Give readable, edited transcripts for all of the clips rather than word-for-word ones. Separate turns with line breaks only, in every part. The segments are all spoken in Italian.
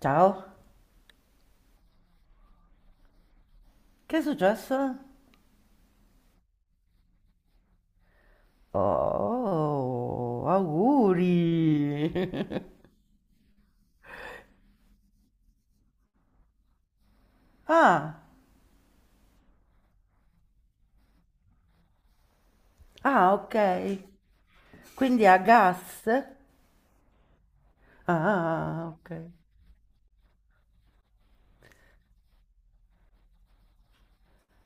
Ciao, che è successo? Oh, auguri! Ah, ah, ok. Quindi a gas? Ah, ok.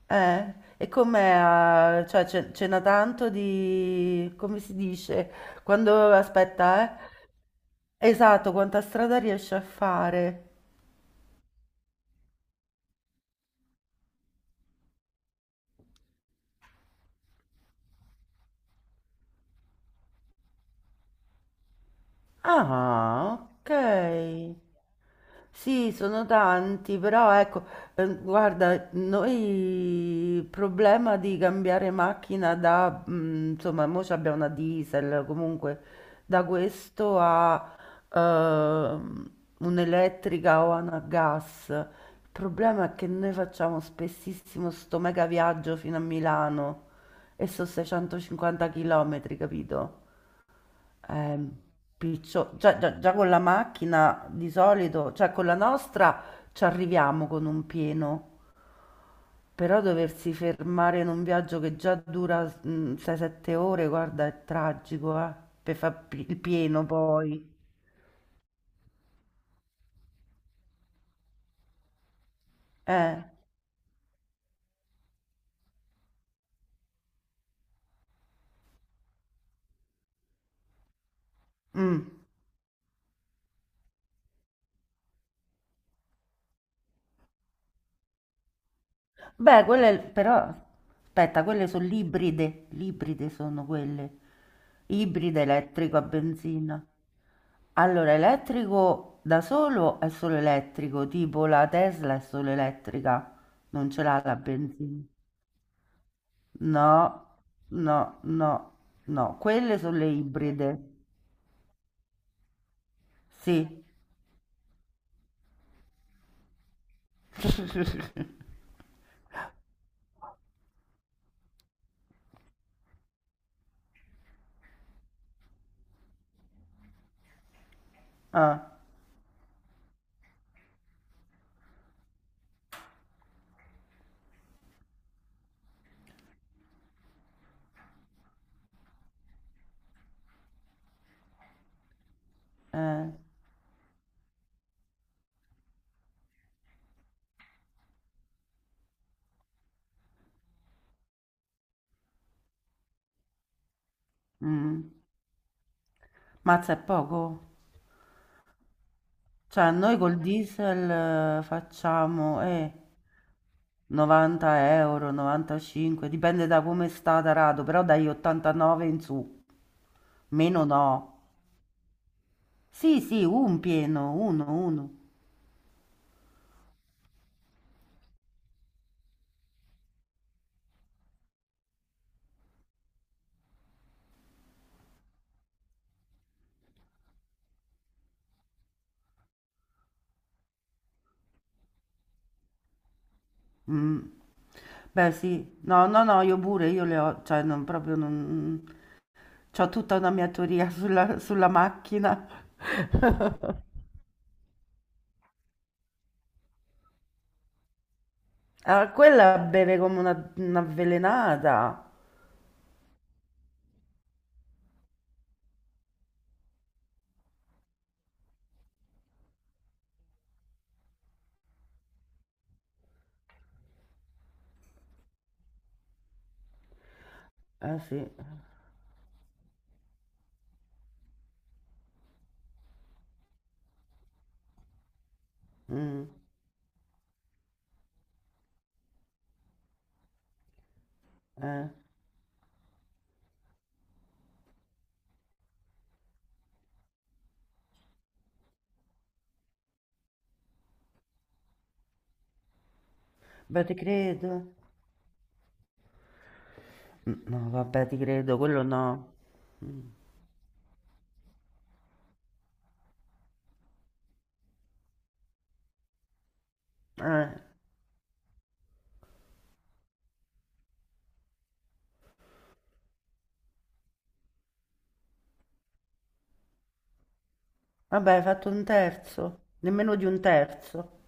E com'è? Cioè, ce n'ha tanto di... come si dice? Quando... aspetta, eh? Esatto, quanta strada riesce a fare? Ah, ok. Sì, sono tanti, però ecco, guarda, noi il problema di cambiare macchina da, insomma, mo abbiamo una diesel, comunque da questo a ehm, un'elettrica o a una gas. Il problema è che noi facciamo spessissimo sto mega viaggio fino a Milano e sono 650 km, capito? Ehm, piccio, già con la macchina di solito, cioè con la nostra ci arriviamo con un pieno, però doversi fermare in un viaggio che già dura 6-7 ore, guarda, è tragico, per fare il pieno poi. Eh, mm. Beh, quelle però, aspetta, quelle sono l'ibride, l'ibride sono quelle, ibride elettrico a benzina. Allora, elettrico da solo è solo elettrico, tipo la Tesla è solo elettrica, non ce l'ha la benzina. No, no, no, no, quelle sono le ibride, sì. Ah, eh, mm. Mazza è poco? Cioè, noi col diesel facciamo 90 euro, 95, dipende da come sta tarato, però dagli 89 in su, meno no. Sì, sì, un pieno, uno, uno. Mm, beh, sì, no, no, no, io pure, io le ho, cioè, non, proprio non... C'ho tutta una mia teoria sulla macchina. Ah, quella beve come un'avvelenata. Eh sì, mm, eh. Beh, te credo. Mm, no, vabbè, ti credo, quello no. Eh, vabbè, hai fatto un terzo, nemmeno di un terzo.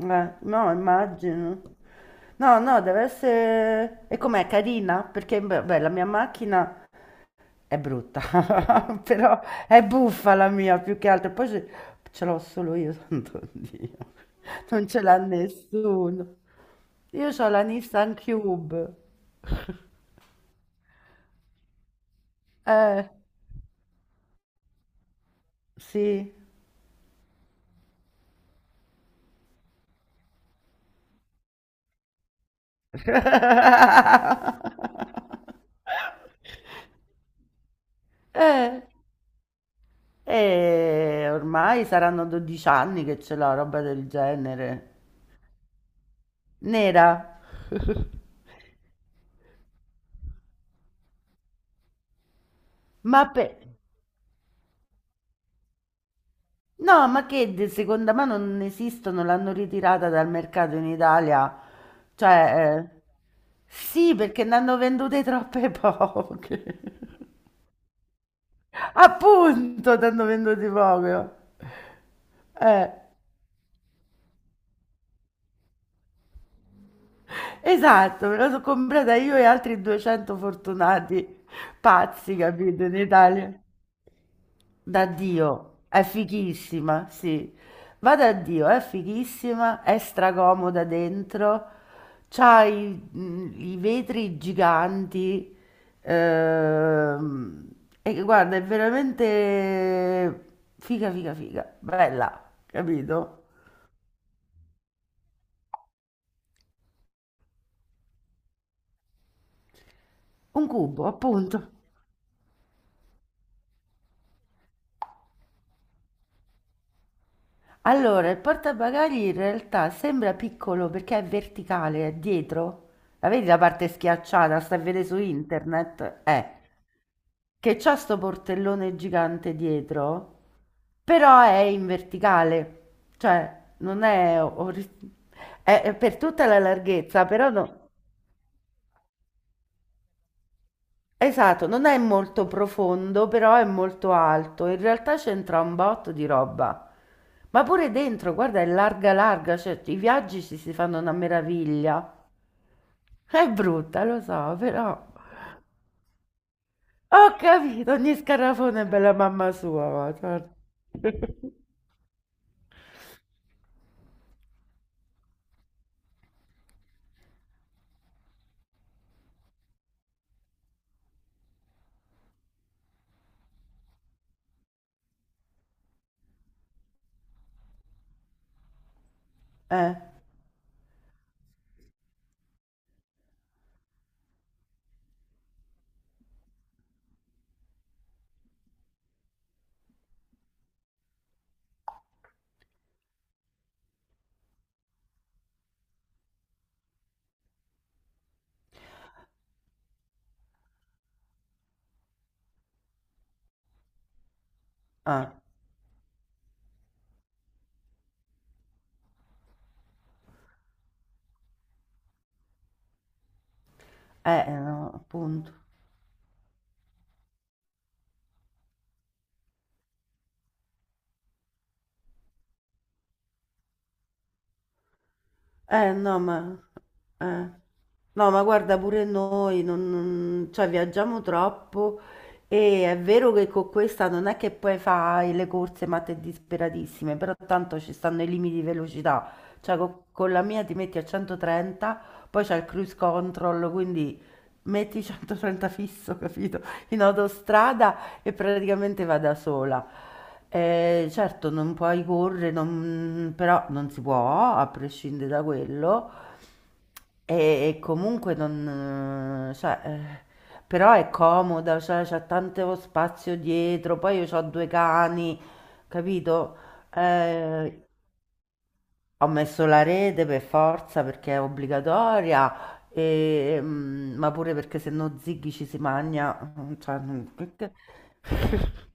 No, immagino. No, no, deve essere... E com'è, carina? Perché, beh, beh, la mia macchina è brutta, però è buffa la mia più che altro. Poi ce l'ho solo io, Santo Dio. Non ce l'ha nessuno. Io ho la Nissan Cube. Eh, sì. Eh, ormai saranno 12 anni che c'è la roba del genere. Nera. Ma per... No, ma che di seconda mano non esistono, l'hanno ritirata dal mercato in Italia. Cioè, sì, perché ne hanno vendute troppe poche. Appunto, ne hanno vendute poche. Eh. Esatto, me la sono comprata io e altri 200 fortunati pazzi, capito, in Italia. Da Dio, è fighissima, sì. Va da Dio, è fighissima, è stracomoda dentro, c'ha i vetri giganti, ehm, e guarda, è veramente figa, figa, figa, bella, capito? Un cubo, appunto. Allora, il portabagagli in realtà sembra piccolo perché è verticale, è dietro. La vedi la parte schiacciata? Sta a vedere su internet? Che c'ha sto portellone gigante dietro, però è in verticale, cioè non è, è per tutta la larghezza, però no. Esatto, non è molto profondo, però è molto alto. In realtà c'entra un botto di roba. Ma pure dentro, guarda, è larga larga, cioè i viaggi ci si fanno una meraviglia. È brutta, lo so, però ho capito, ogni scarafone è bella mamma sua, ma guarda. Eh, ah, no, appunto. Eh no, ma, eh. No, ma guarda pure noi, non, cioè viaggiamo troppo e è vero che con questa non è che poi fai le corse matte disperatissime, però tanto ci stanno i limiti di velocità, cioè con la mia ti metti a 130, poi c'è il cruise control, quindi metti 130 fisso, capito? In autostrada e praticamente va da sola. Certo, non puoi correre, però non si può, a prescindere da quello. E, e comunque non, cioè, però è comoda, cioè, c'ha tanto spazio dietro, poi io ho due cani, capito? Eh, ho messo la rete per forza perché è obbligatoria, e, ma pure perché se no Ziggy ci si magna. Cioè.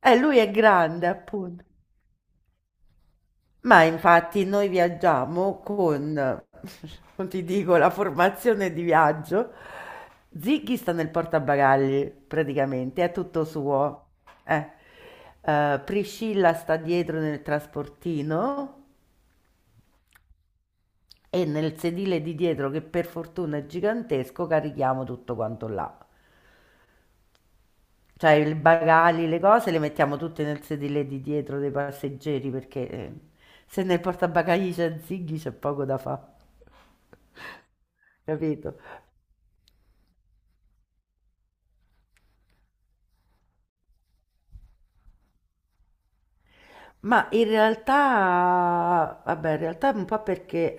Lui è grande, appunto. Ma infatti noi viaggiamo con, non ti dico, la formazione di viaggio. Ziggy sta nel portabagagli, praticamente, è tutto suo. Eh. Priscilla sta dietro nel trasportino e nel sedile di dietro, che per fortuna è gigantesco, carichiamo tutto quanto là. Cioè i bagagli, le cose le mettiamo tutte nel sedile di dietro dei passeggeri perché se nel portabagagli c'è Ziggy c'è poco da fare. Capito? Ma in realtà, vabbè, in realtà un po' perché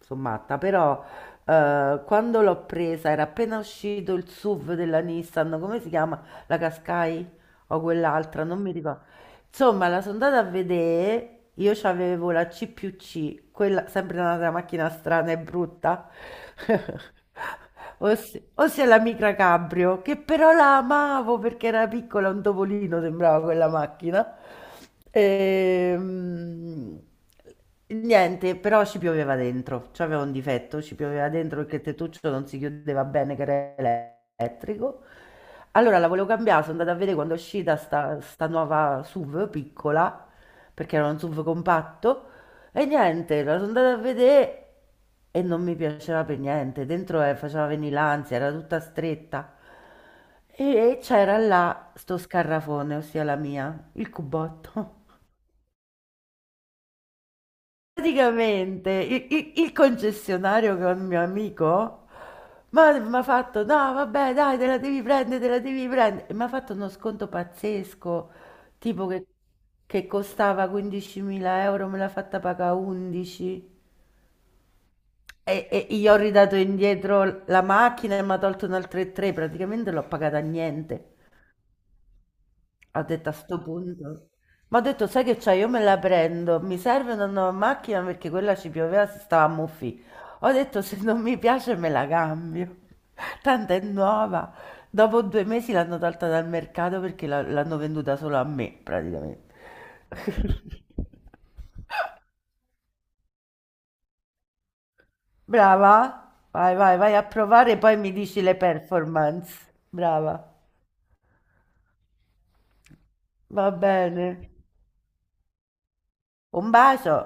sono matta, però quando l'ho presa era appena uscito il SUV della Nissan, come si chiama? La Qashqai o quell'altra, non mi ricordo. Insomma, la sono andata a vedere, io c'avevo la C+C, quella sempre un'altra macchina strana e brutta, ossia la Micra Cabrio, che però la amavo perché era piccola, un topolino sembrava quella macchina. Ehm, Niente, però ci pioveva dentro. C'aveva un difetto, ci pioveva dentro perché il tettuccio non si chiudeva bene, che era elettrico. Allora la volevo cambiare, sono andata a vedere quando è uscita sta nuova SUV piccola, perché era un SUV compatto, e niente, la sono andata a vedere e non mi piaceva per niente. Dentro faceva venire l'ansia, era tutta stretta. E c'era là sto scarrafone, ossia la mia, il cubotto. Praticamente il concessionario che è un mio amico mi ha fatto: No, vabbè, dai, te la devi prendere, te la devi prendere. E mi ha fatto uno sconto pazzesco, tipo che costava 15.000 euro, me l'ha fatta pagare 11. E gli ho ridato indietro la macchina e mi ha tolto un altro 3, praticamente l'ho pagata a niente. Ho detto a sto punto. Ma ho detto, sai che c'è, io me la prendo, mi serve una nuova macchina perché quella ci pioveva, si stava a muffi. Ho detto, se non mi piace me la cambio. Tanto è nuova. Dopo due mesi l'hanno tolta dal mercato perché l'hanno venduta solo a me, praticamente. Brava? Vai, vai, vai a provare, e poi mi dici le performance. Brava. Va bene. Un bacio.